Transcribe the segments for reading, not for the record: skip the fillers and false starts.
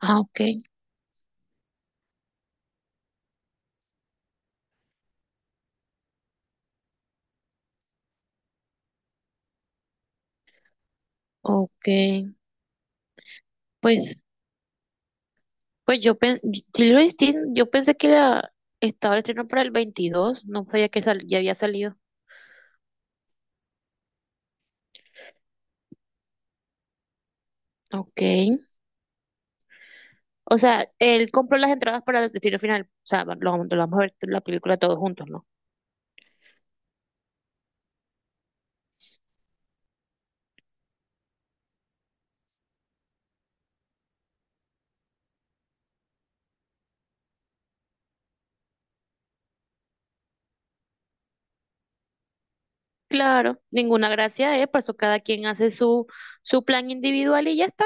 Ah, ok, ok. Pues, pues Lilo y Stitch, yo pensé que estaba el estreno para el 22. No sabía que ya había salido. Ok. O sea, él compró las entradas para el destino final. O sea, va- lo vamos a ver la película todos juntos, ¿no? Claro, ninguna gracia es, por eso cada quien hace su plan individual y ya está.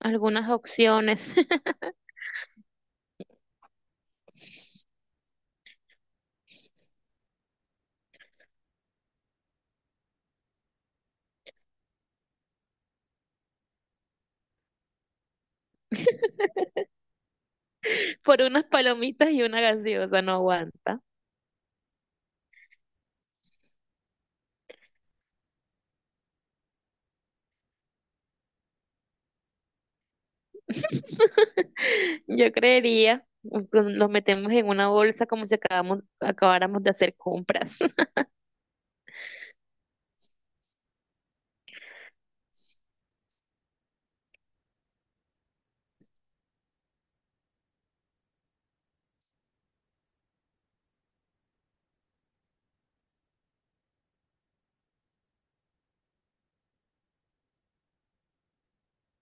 Algunas opciones. Por unas palomitas y una gaseosa no aguanta. Yo creería, nos metemos en una bolsa como si acabáramos de hacer compras.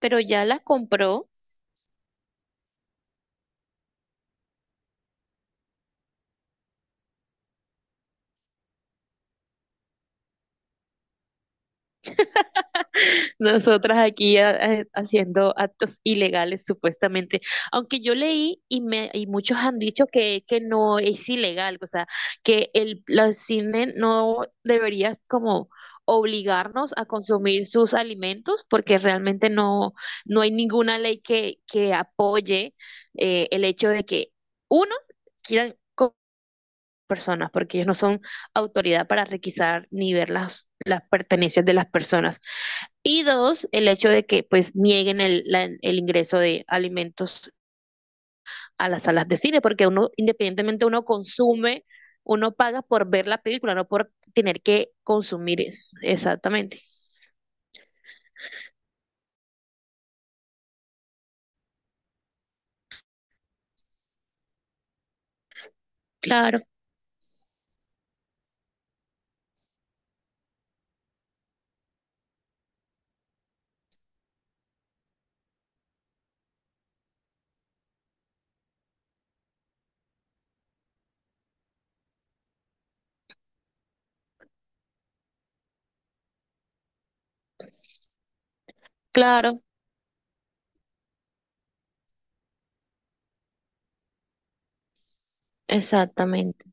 Pero ya las compró. Nosotras aquí haciendo actos ilegales supuestamente, aunque yo leí y muchos han dicho que no es ilegal, o sea, que el la cine no debería como obligarnos a consumir sus alimentos porque realmente no hay ninguna ley que apoye, el hecho de que uno quieran personas, porque ellos no son autoridad para requisar ni ver las pertenencias de las personas. Y dos, el hecho de que pues nieguen el ingreso de alimentos a las salas de cine, porque uno, independientemente uno consume, uno paga por ver la película, no por tener que consumir, exactamente. Claro, claro, exactamente.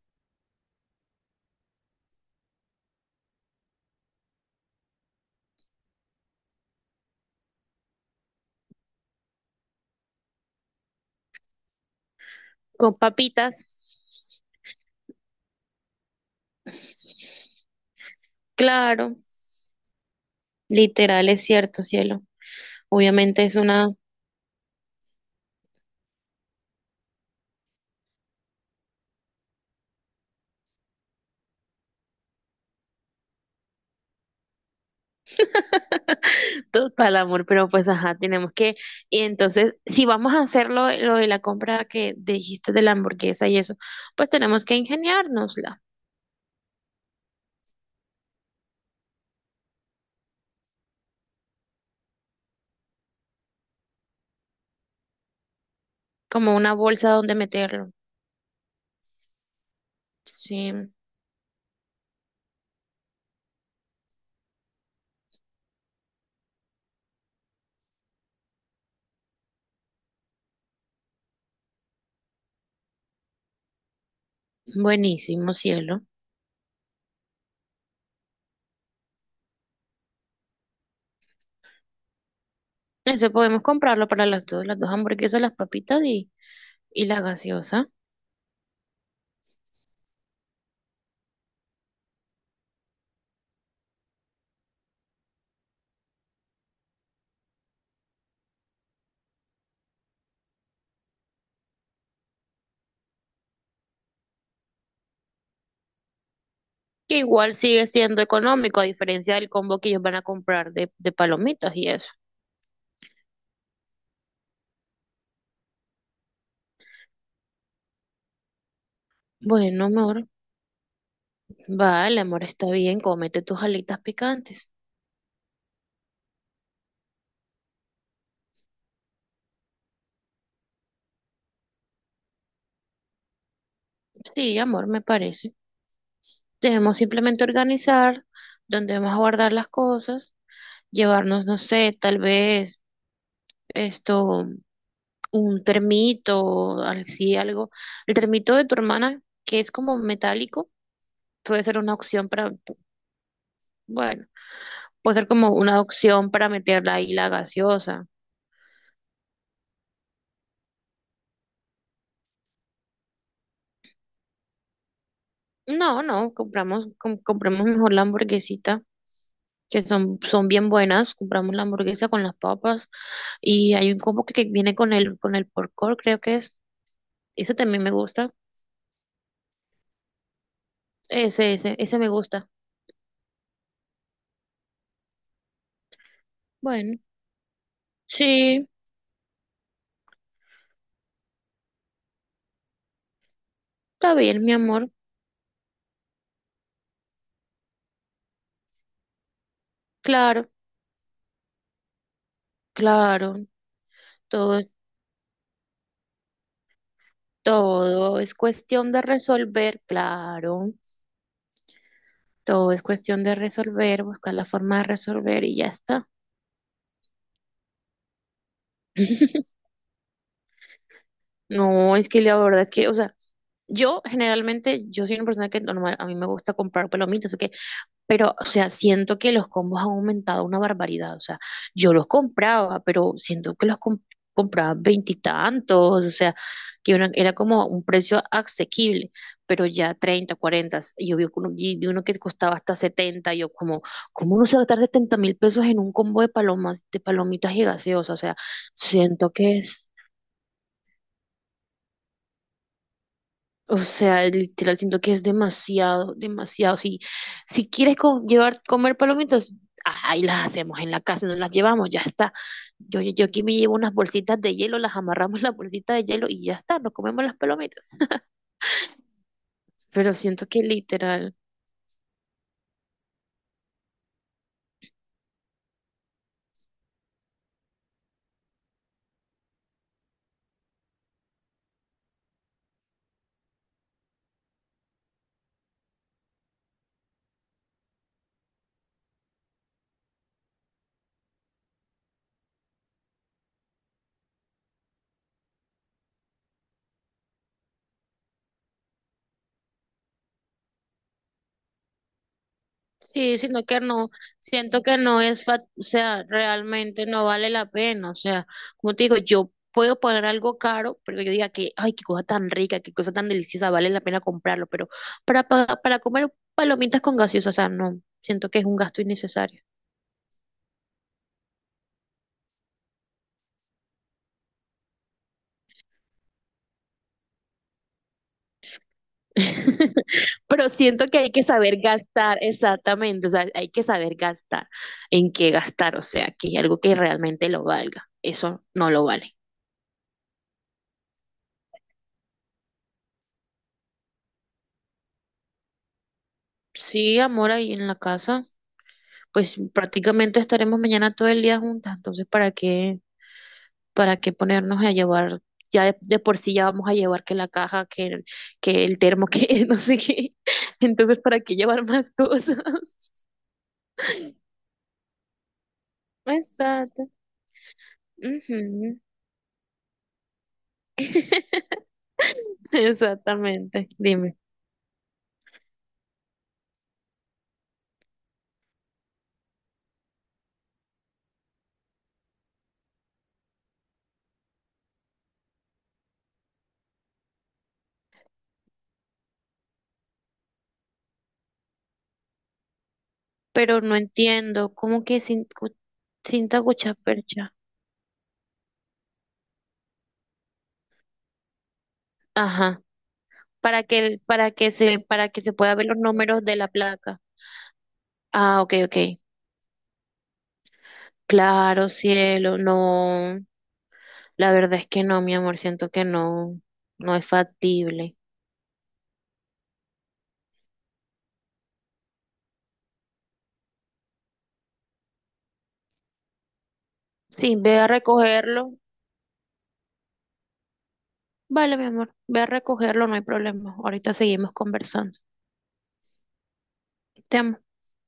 Con papitas. Claro, literal es cierto, cielo. Obviamente es una. Total, amor, pero pues ajá, tenemos que, y entonces, si vamos a hacer lo de la compra que dijiste de la hamburguesa y eso, pues tenemos que ingeniárnosla, como una bolsa donde meterlo. Sí, buenísimo, cielo. Eso podemos comprarlo para las dos hamburguesas, las papitas y la gaseosa, que igual sigue siendo económico, a diferencia del combo que ellos van a comprar de palomitas y eso. Bueno, amor, vale, amor, está bien, cómete tus alitas picantes. Sí, amor, me parece. Debemos simplemente organizar dónde vamos a guardar las cosas, llevarnos, no sé, tal vez esto, un termito, así algo. El termito de tu hermana, que es como metálico, puede ser una opción para, bueno, puede ser como una opción para meterla ahí la gaseosa. No, no, compremos mejor la hamburguesita, que son bien buenas. Compramos la hamburguesa con las papas y hay un combo que viene con el pork porcor, creo que es. Ese también me gusta. Ese me gusta. Bueno, sí, está bien, mi amor. Claro, claro. Todo, todo es cuestión de resolver, claro. Todo es cuestión de resolver, buscar la forma de resolver y ya está. No, es que la verdad es que, o sea, yo generalmente, yo soy una persona que normal, a mí me gusta comprar palomitas, ¿ok? Pero, o sea, siento que los combos han aumentado una barbaridad. O sea, yo los compraba, pero siento que los compraba veintitantos. O sea, que era como un precio asequible, pero ya 30 40. Y yo vi uno, que costaba hasta 70. Y yo como, ¿cómo uno se va a gastar 70 mil pesos en un combo de palomas, de palomitas y gaseosas? O sea, siento que. O sea, literal, siento que es demasiado, demasiado. Si, si quieres llevar, comer palomitas, ahí las hacemos en la casa, no las llevamos, ya está. Yo aquí me llevo unas bolsitas de hielo, las amarramos en la bolsita de hielo y ya está, nos comemos las palomitas. Pero siento que literal. Sí, sino que no, siento que no es, o sea, realmente no vale la pena, o sea, como te digo, yo puedo poner algo caro, pero yo diga que, ay, qué cosa tan rica, qué cosa tan deliciosa, vale la pena comprarlo, pero para comer palomitas con gaseosa, o sea, no, siento que es un gasto innecesario. Pero siento que hay que saber gastar, exactamente, o sea, hay que saber gastar, en qué gastar, o sea, que algo que realmente lo valga, eso no lo vale. Sí, amor, ahí en la casa. Pues prácticamente estaremos mañana todo el día juntas, entonces, ¿para qué ponernos a llevar? Ya de por sí ya vamos a llevar que la caja, que el termo, que no sé qué. Entonces, ¿para qué llevar más cosas? Exacto. Ujú. Exactamente, dime. Pero no entiendo, ¿cómo que cinta percha? Ajá. Para que se pueda ver los números de la placa. Ah, ok, ok. Claro, cielo, no, la verdad es que no, mi amor, siento que no, no es factible. Sí, ve a recogerlo. Vale, mi amor, ve a recogerlo, no hay problema. Ahorita seguimos conversando. Te amo.